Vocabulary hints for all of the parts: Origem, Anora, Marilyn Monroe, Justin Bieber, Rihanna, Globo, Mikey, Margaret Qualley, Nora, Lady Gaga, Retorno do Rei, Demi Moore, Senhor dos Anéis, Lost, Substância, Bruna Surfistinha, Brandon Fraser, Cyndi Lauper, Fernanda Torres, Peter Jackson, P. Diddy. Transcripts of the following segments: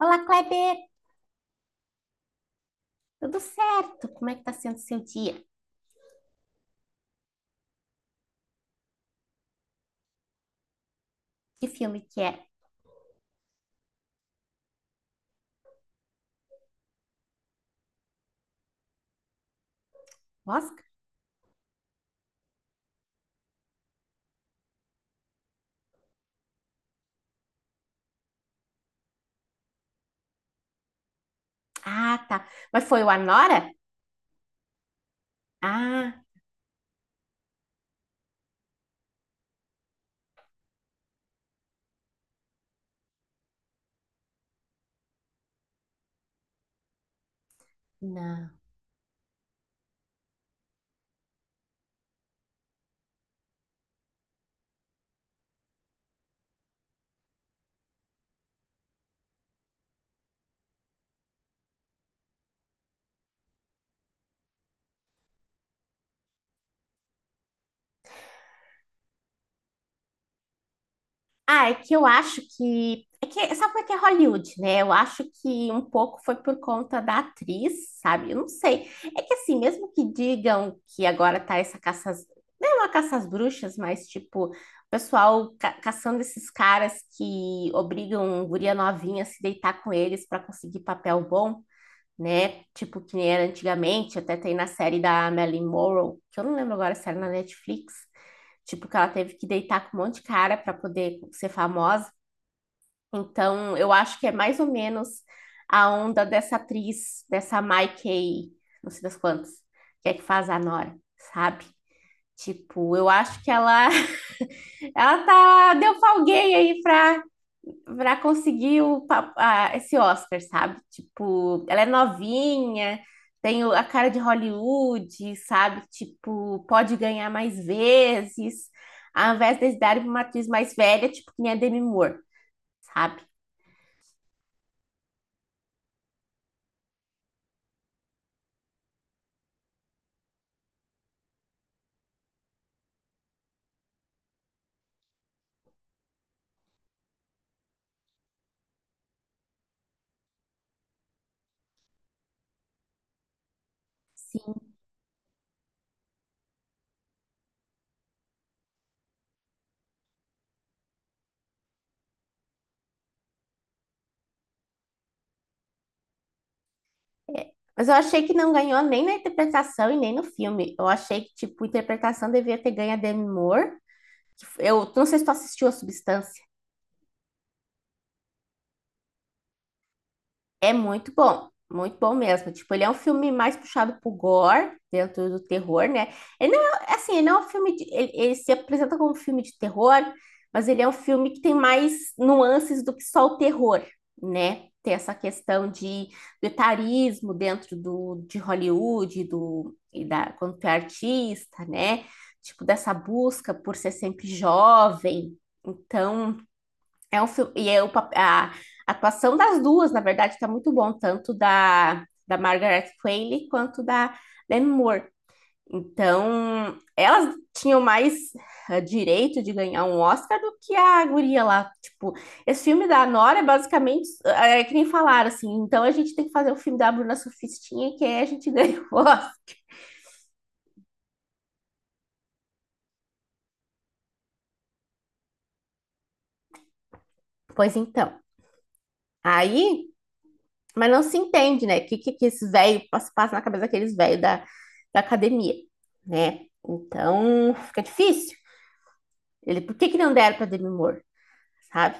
Olá, Kleber! Tudo certo? Como é que tá sendo o seu dia? Que filme que é? O Oscar? Ah, tá. Mas foi o Anora? Ah, não. Ah, é que eu acho que. É que, sabe como é que é Hollywood, né? Eu acho que um pouco foi por conta da atriz, sabe? Eu não sei. É que assim, mesmo que digam que agora tá essa caça. Às- Não é uma caça às bruxas, mas tipo, o pessoal caçando esses caras que obrigam guria novinha a se deitar com eles para conseguir papel bom, né? Tipo, que nem era antigamente, até tem na série da Marilyn Monroe, que eu não lembro agora se era na Netflix, tipo, que ela teve que deitar com um monte de cara para poder ser famosa. Então, eu acho que é mais ou menos a onda dessa atriz, dessa Mikey, não sei das quantas, que é que faz a Nora, sabe? Tipo, eu acho que ela, ela tá, deu pra alguém aí pra para conseguir o, esse Oscar, sabe? Tipo, ela é novinha, tem a cara de Hollywood, sabe? Tipo, pode ganhar mais vezes, ao invés de darem para uma atriz mais velha, tipo, que nem a Demi Moore, sabe? Sim. Mas eu achei que não ganhou nem na interpretação e nem no filme. Eu achei que, tipo, a interpretação devia ter ganho a Demi Moore. Eu não sei se tu assistiu a Substância. É muito bom mesmo. Tipo, ele é um filme mais puxado pro gore, dentro do terror, né? Ele não é, assim, ele não é um filme de, ele se apresenta como um filme de terror, mas ele é um filme que tem mais nuances do que só o terror, né? Tem essa questão de do etarismo dentro do, de Hollywood, do, e da, quando tu é artista, né? Tipo, dessa busca por ser sempre jovem. Então, é um filme, e é o, a atuação das duas, na verdade, está muito bom, tanto da, da Margaret Qualley quanto da Demi Moore. Então, elas tinham mais direito de ganhar um Oscar do que a guria lá. Tipo, esse filme da Nora é basicamente, é que nem falaram assim, então a gente tem que fazer o filme da Bruna Surfistinha, que aí a gente ganha o Oscar. Pois então, aí Mas não se entende, né? O que, que esses velhos passa, passa na cabeça daqueles velhos da, da academia, né? Então fica difícil. Ele, por que, que não deram para Demi Moore, sabe?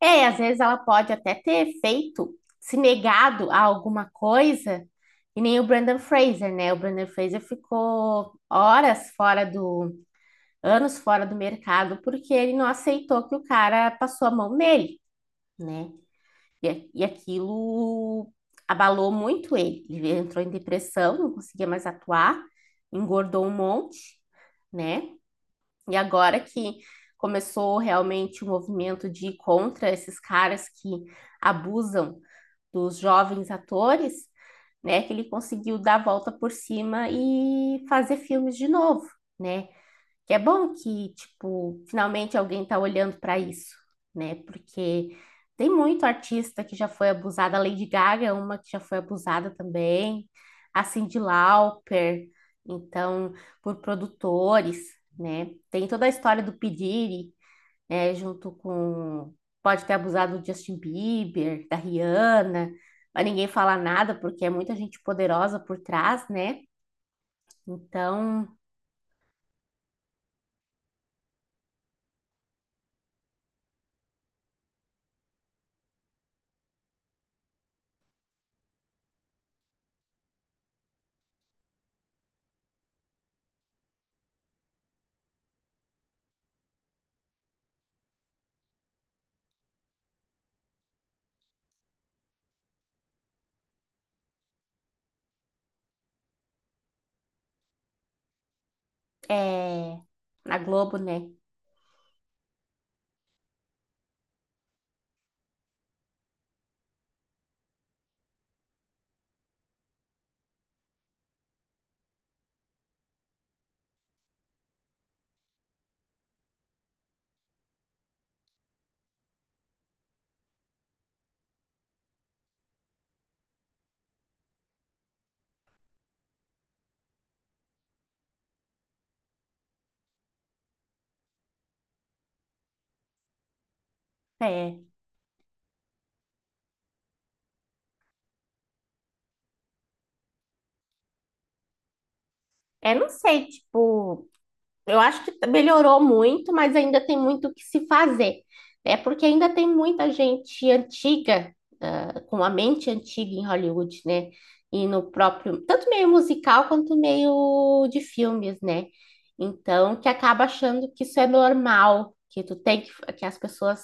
É, e às vezes ela pode até ter feito, se negado a alguma coisa, e nem o Brandon Fraser, né? O Brandon Fraser ficou horas fora do, anos fora do mercado, porque ele não aceitou que o cara passou a mão nele, né? E, e aquilo abalou muito ele. Ele entrou em depressão, não conseguia mais atuar, engordou um monte, né? E agora que começou realmente o movimento de ir contra esses caras que abusam dos jovens atores, né? Que ele conseguiu dar a volta por cima e fazer filmes de novo, né? Que é bom que, tipo, finalmente alguém tá olhando para isso, né? Porque tem muito artista que já foi abusada. A Lady Gaga é uma que já foi abusada também. A Cyndi Lauper. Então, por produtores, né? Tem toda a história do P. Diddy, né? Junto com... Pode ter abusado do Justin Bieber, da Rihanna. Mas ninguém fala nada porque é muita gente poderosa por trás, né? Então, é... Na Globo, né? É, é, não sei, tipo, eu acho que melhorou muito, mas ainda tem muito o que se fazer. É porque ainda tem muita gente antiga, ah, com a mente antiga em Hollywood, né? E no próprio, tanto meio musical quanto meio de filmes, né? Então, que acaba achando que isso é normal, que tu tem que as pessoas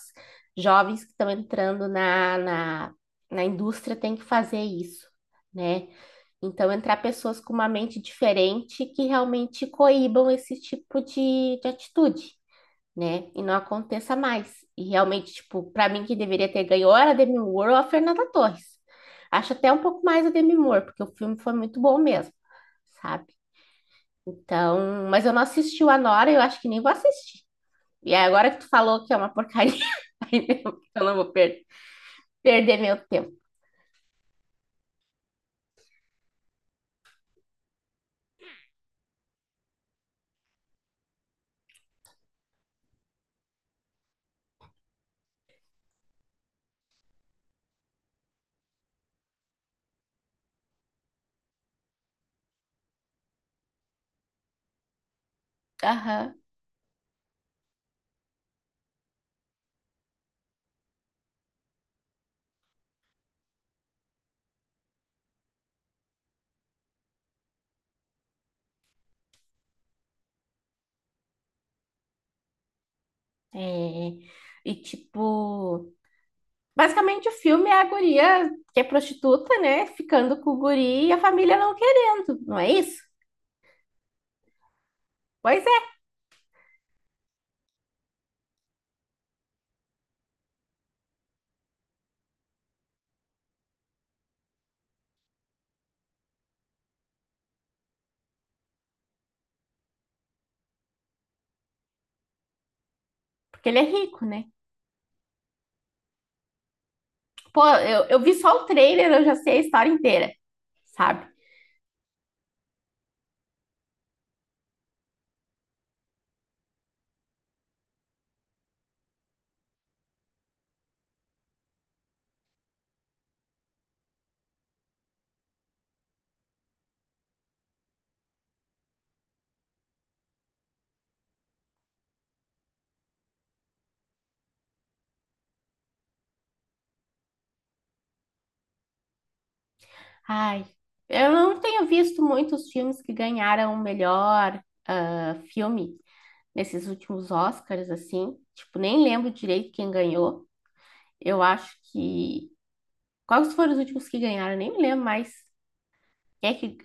jovens que estão entrando na, na, na indústria têm que fazer isso, né? Então, entrar pessoas com uma mente diferente que realmente coíbam esse tipo de atitude, né? E não aconteça mais. E realmente, tipo, para mim que deveria ter ganho ou era a Demi Moore ou a Fernanda Torres. Acho até um pouco mais a Demi Moore, porque o filme foi muito bom mesmo, sabe? Então, mas eu não assisti o Anora, e eu acho que nem vou assistir. E aí, agora que tu falou que é uma porcaria, eu não vou perder meu tempo. Aham. É. E tipo, basicamente, o filme é a guria que é prostituta, né? Ficando com o guri e a família não querendo, não é isso? Pois é, porque ele é rico, né? Pô, eu vi só o trailer, eu já sei a história inteira, sabe? Ai, eu não tenho visto muitos filmes que ganharam o melhor filme nesses últimos Oscars, assim. Tipo, nem lembro direito quem ganhou. Eu acho que. Quais foram os últimos que ganharam? Eu Nem me lembro mais. Quem é que.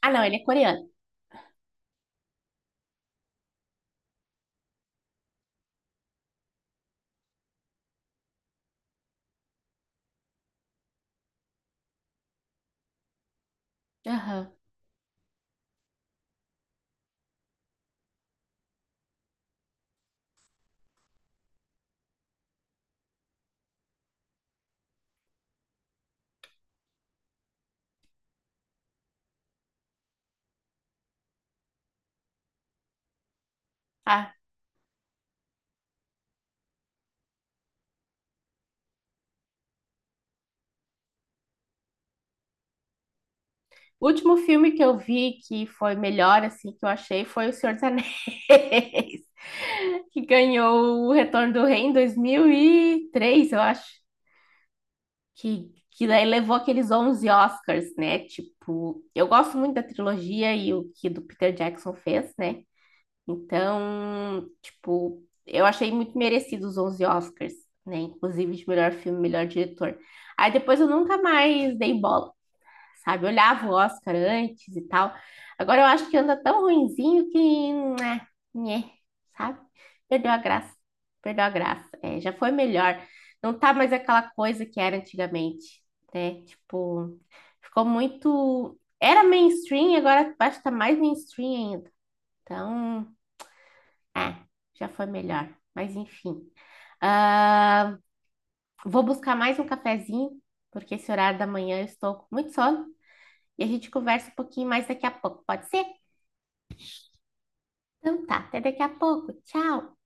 Ah, não, ele é coreano. Aham. Ah, o último filme que eu vi que foi melhor, assim, que eu achei foi O Senhor dos Anéis, que ganhou o Retorno do Rei em 2003 eu acho, que daí levou aqueles 11 Oscars, né? Tipo, eu gosto muito da trilogia e o que do Peter Jackson fez, né? Então, tipo, eu achei muito merecido os 11 Oscars, né? Inclusive de melhor filme, melhor diretor. Aí depois eu nunca mais dei bola, sabe? Olhava o Oscar antes e tal. Agora eu acho que anda tão ruinzinho que, né, né, sabe? Perdeu a graça, perdeu a graça. É, já foi melhor. Não tá mais aquela coisa que era antigamente, né? Tipo, ficou muito. Era mainstream, agora acho que tá mais mainstream ainda. Então, é, já foi melhor. Mas enfim. Ah, vou buscar mais um cafezinho, porque esse horário da manhã eu estou com muito sono. E a gente conversa um pouquinho mais daqui a pouco, pode ser? Então tá, até daqui a pouco. Tchau!